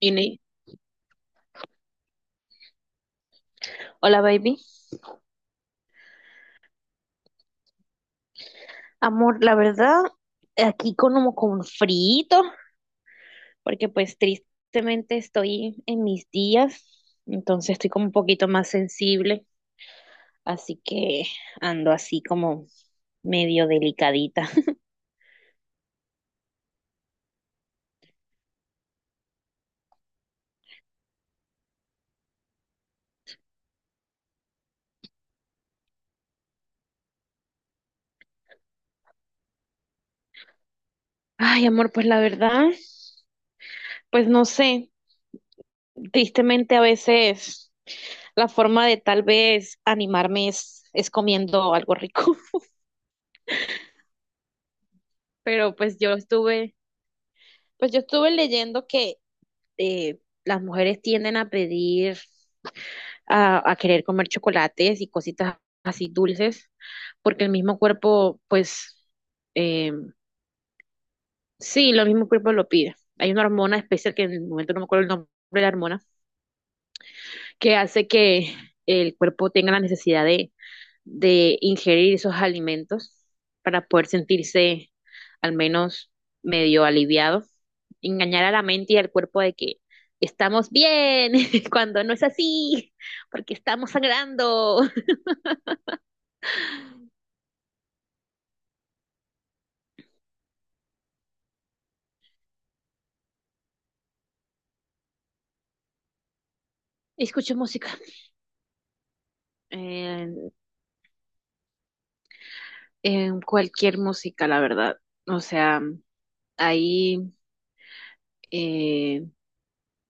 Ini. Hola, baby. Amor, la verdad, aquí con- como con frito, porque pues tristemente estoy en mis días, entonces estoy como un poquito más sensible, así que ando así como medio delicadita. Ay, amor, pues la verdad, pues no sé, tristemente a veces la forma de tal vez animarme es comiendo algo rico. pero pues yo estuve, pues yo estuve leyendo que las mujeres tienden a pedir, a querer comer chocolates y cositas así dulces, porque el mismo cuerpo, pues, eh, sí, lo mismo cuerpo lo pide. Hay una hormona especial que en el momento no me acuerdo el nombre de la hormona, que hace que el cuerpo tenga la necesidad de ingerir esos alimentos para poder sentirse al menos medio aliviado, engañar a la mente y al cuerpo de que estamos bien cuando no es así, porque estamos sangrando. Escucho música, eh, cualquier música, la verdad. O sea, ahí eh,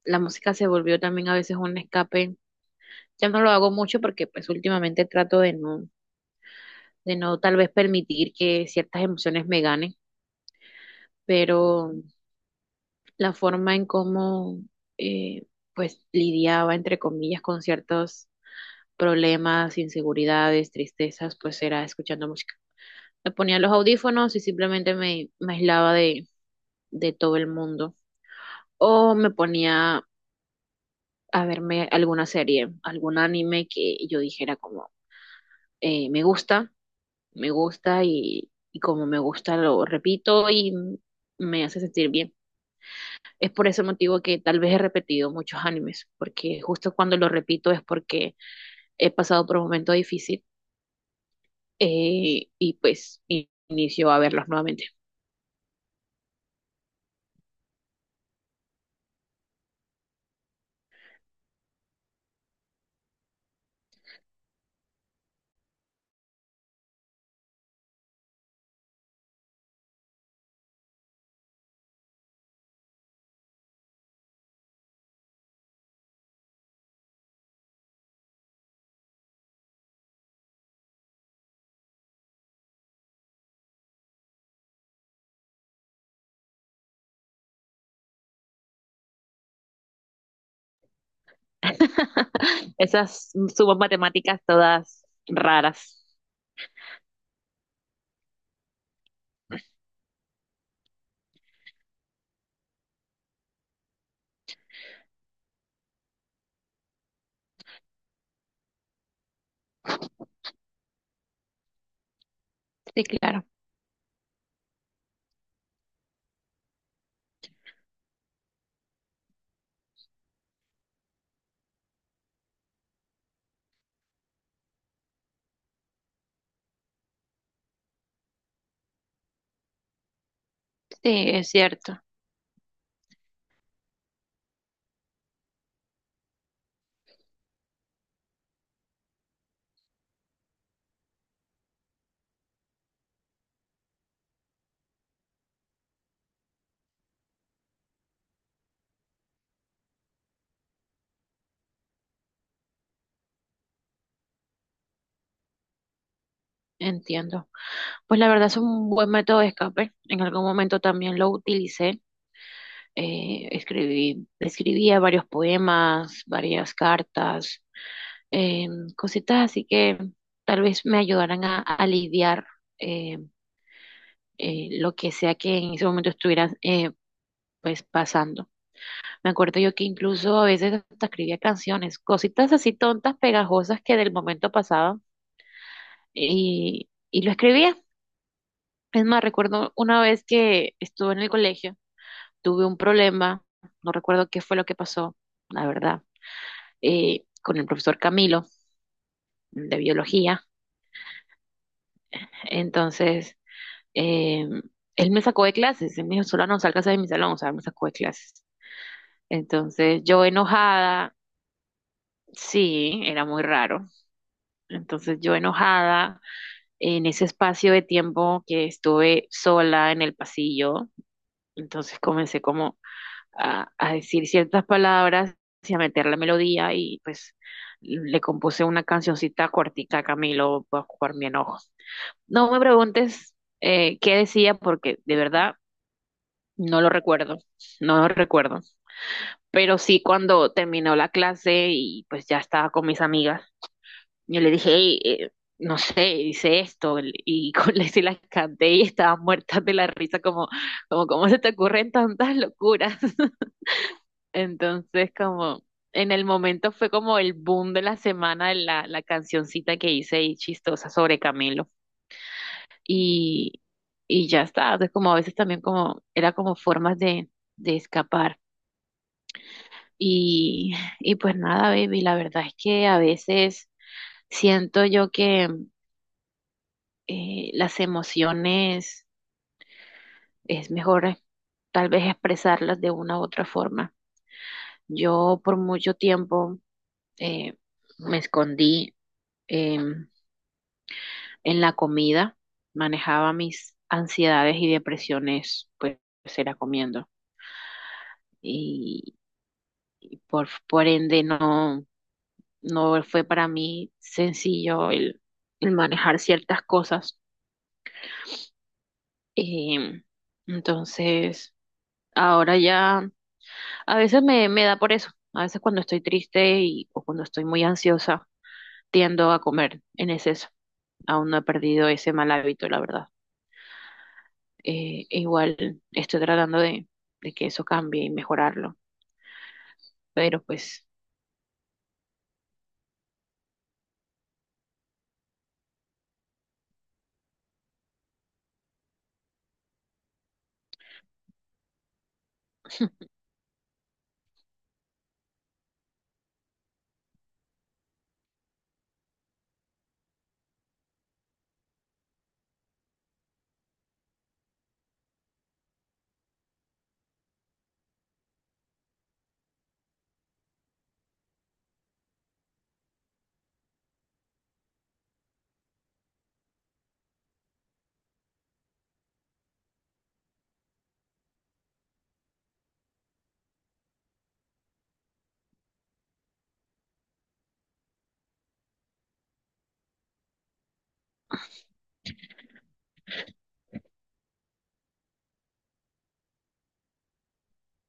la música se volvió también a veces un escape. Ya no lo hago mucho porque pues últimamente trato de no tal vez permitir que ciertas emociones me ganen, pero la forma en cómo eh, pues lidiaba, entre comillas, con ciertos problemas, inseguridades, tristezas, pues era escuchando música. Me ponía los audífonos y simplemente me aislaba de todo el mundo. O me ponía a verme alguna serie, algún anime que yo dijera como, eh, me gusta, me gusta y como me gusta lo repito y me hace sentir bien. Es por ese motivo que tal vez he repetido muchos animes, porque justo cuando lo repito es porque he pasado por un momento difícil, y pues inicio a verlos nuevamente. Esas sumas matemáticas todas raras. Sí, claro. Sí, es cierto. Entiendo. Pues la verdad es un buen método de escape. En algún momento también lo utilicé. Escribía varios poemas, varias cartas, eh, cositas así que tal vez me ayudaran a lidiar eh, lo que sea que en ese momento estuviera, pues, pasando. Me acuerdo yo que incluso a veces hasta escribía canciones, cositas así tontas, pegajosas que del momento pasaban, y lo escribía. Es más, recuerdo una vez que estuve en el colegio, tuve un problema, no recuerdo qué fue lo que pasó, la verdad, con el profesor Camilo de biología. Entonces, eh, él me sacó de clases, él me dijo, "Solano, salgas de mi salón", o sea, me sacó de clases. Entonces, yo enojada, sí, era muy raro. Entonces, yo enojada, en ese espacio de tiempo que estuve sola en el pasillo, entonces comencé como a decir ciertas palabras y a meter la melodía, y pues le compuse una cancioncita cortica a Camilo por mi enojo. No me preguntes qué decía porque de verdad no lo recuerdo, no lo recuerdo. Pero sí, cuando terminó la clase y pues ya estaba con mis amigas, yo le dije, "Ey, no sé, hice esto", y con se las canté, y estaban muertas de la risa como, como, "¿cómo se te ocurren tantas locuras?". Entonces, como en el momento fue como el boom de la semana la, la cancioncita que hice y chistosa sobre Camilo. Y, y ya está. O sea, como a veces también como, era como formas de escapar. Y y pues nada, baby, la verdad es que a veces siento yo que, las emociones es mejor, tal vez, expresarlas de una u otra forma. Yo por mucho tiempo, eh, me escondí em, en la comida, manejaba mis ansiedades y depresiones, pues era comiendo. Por ende no, no fue para mí sencillo el manejar ciertas cosas. Em, entonces, ahora ya a veces me da por eso. A veces cuando estoy triste y, o cuando estoy muy ansiosa, tiendo a comer en exceso. Aún no he perdido ese mal hábito, la verdad. E igual estoy tratando de que eso cambie y mejorarlo, pero pues,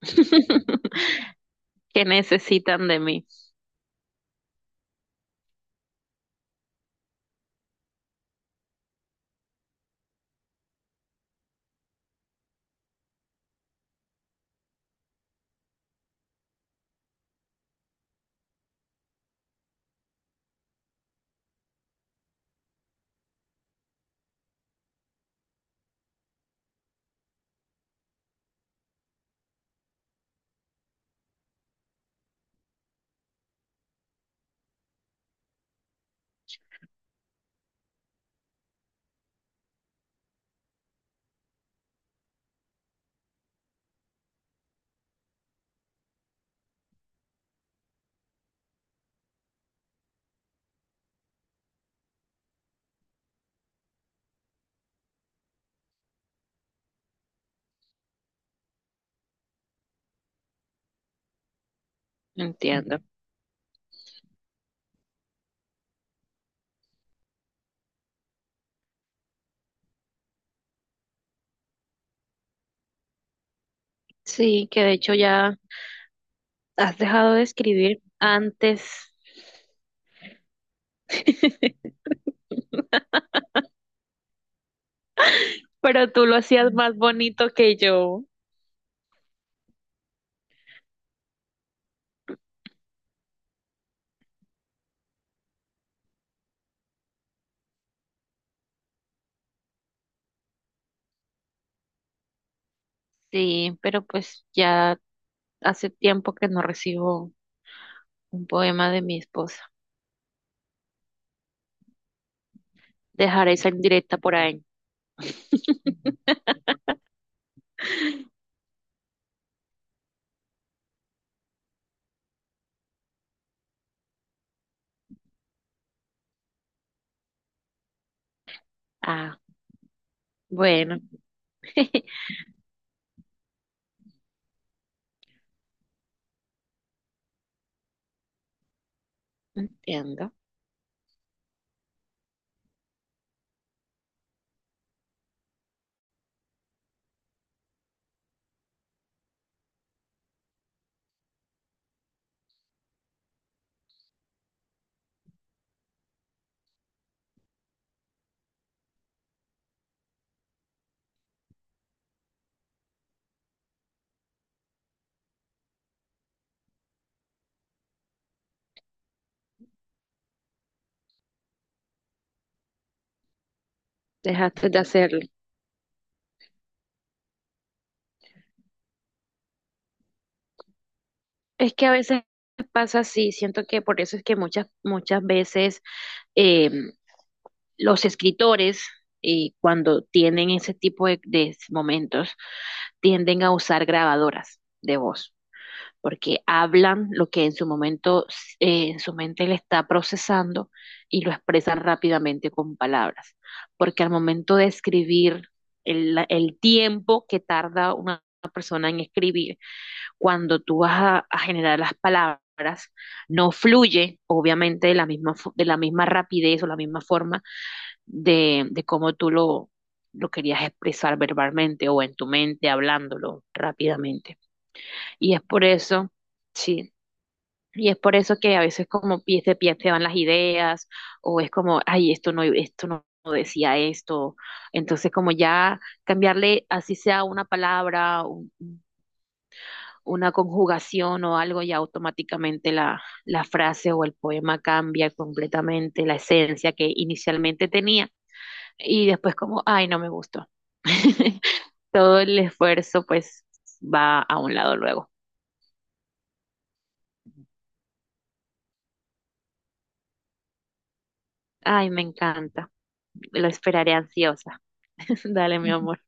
¿que necesitan de mí? Entiendo. Sí, que de hecho ya has dejado de escribir antes. Pero tú lo hacías más bonito que yo. Sí, pero pues ya hace tiempo que no recibo un poema de mi esposa. Dejaré esa indirecta por ahí. Ah, bueno. Entiendo. Dejaste de hacerlo. Es que a veces pasa así, siento que por eso es que muchas, muchas veces em, los escritores, cuando tienen ese tipo de momentos, tienden a usar grabadoras de voz, porque hablan lo que en su momento, en su mente le está procesando, y lo expresan rápidamente con palabras, porque al momento de escribir el tiempo que tarda una persona en escribir, cuando tú vas a generar las palabras, no fluye, obviamente, de la misma rapidez o la misma forma de cómo tú lo querías expresar verbalmente o en tu mente, hablándolo rápidamente. Y es por eso, sí, y es por eso que a veces como pies de pies te van las ideas, o es como, ay, esto no, esto no. No decía esto, entonces como ya cambiarle así sea una palabra, una conjugación o algo, ya automáticamente la frase o el poema cambia completamente la esencia que inicialmente tenía, y después como, ay, no me gustó. Todo el esfuerzo pues va a un lado luego. Ay, me encanta. Lo esperaré ansiosa. Dale, mi amor.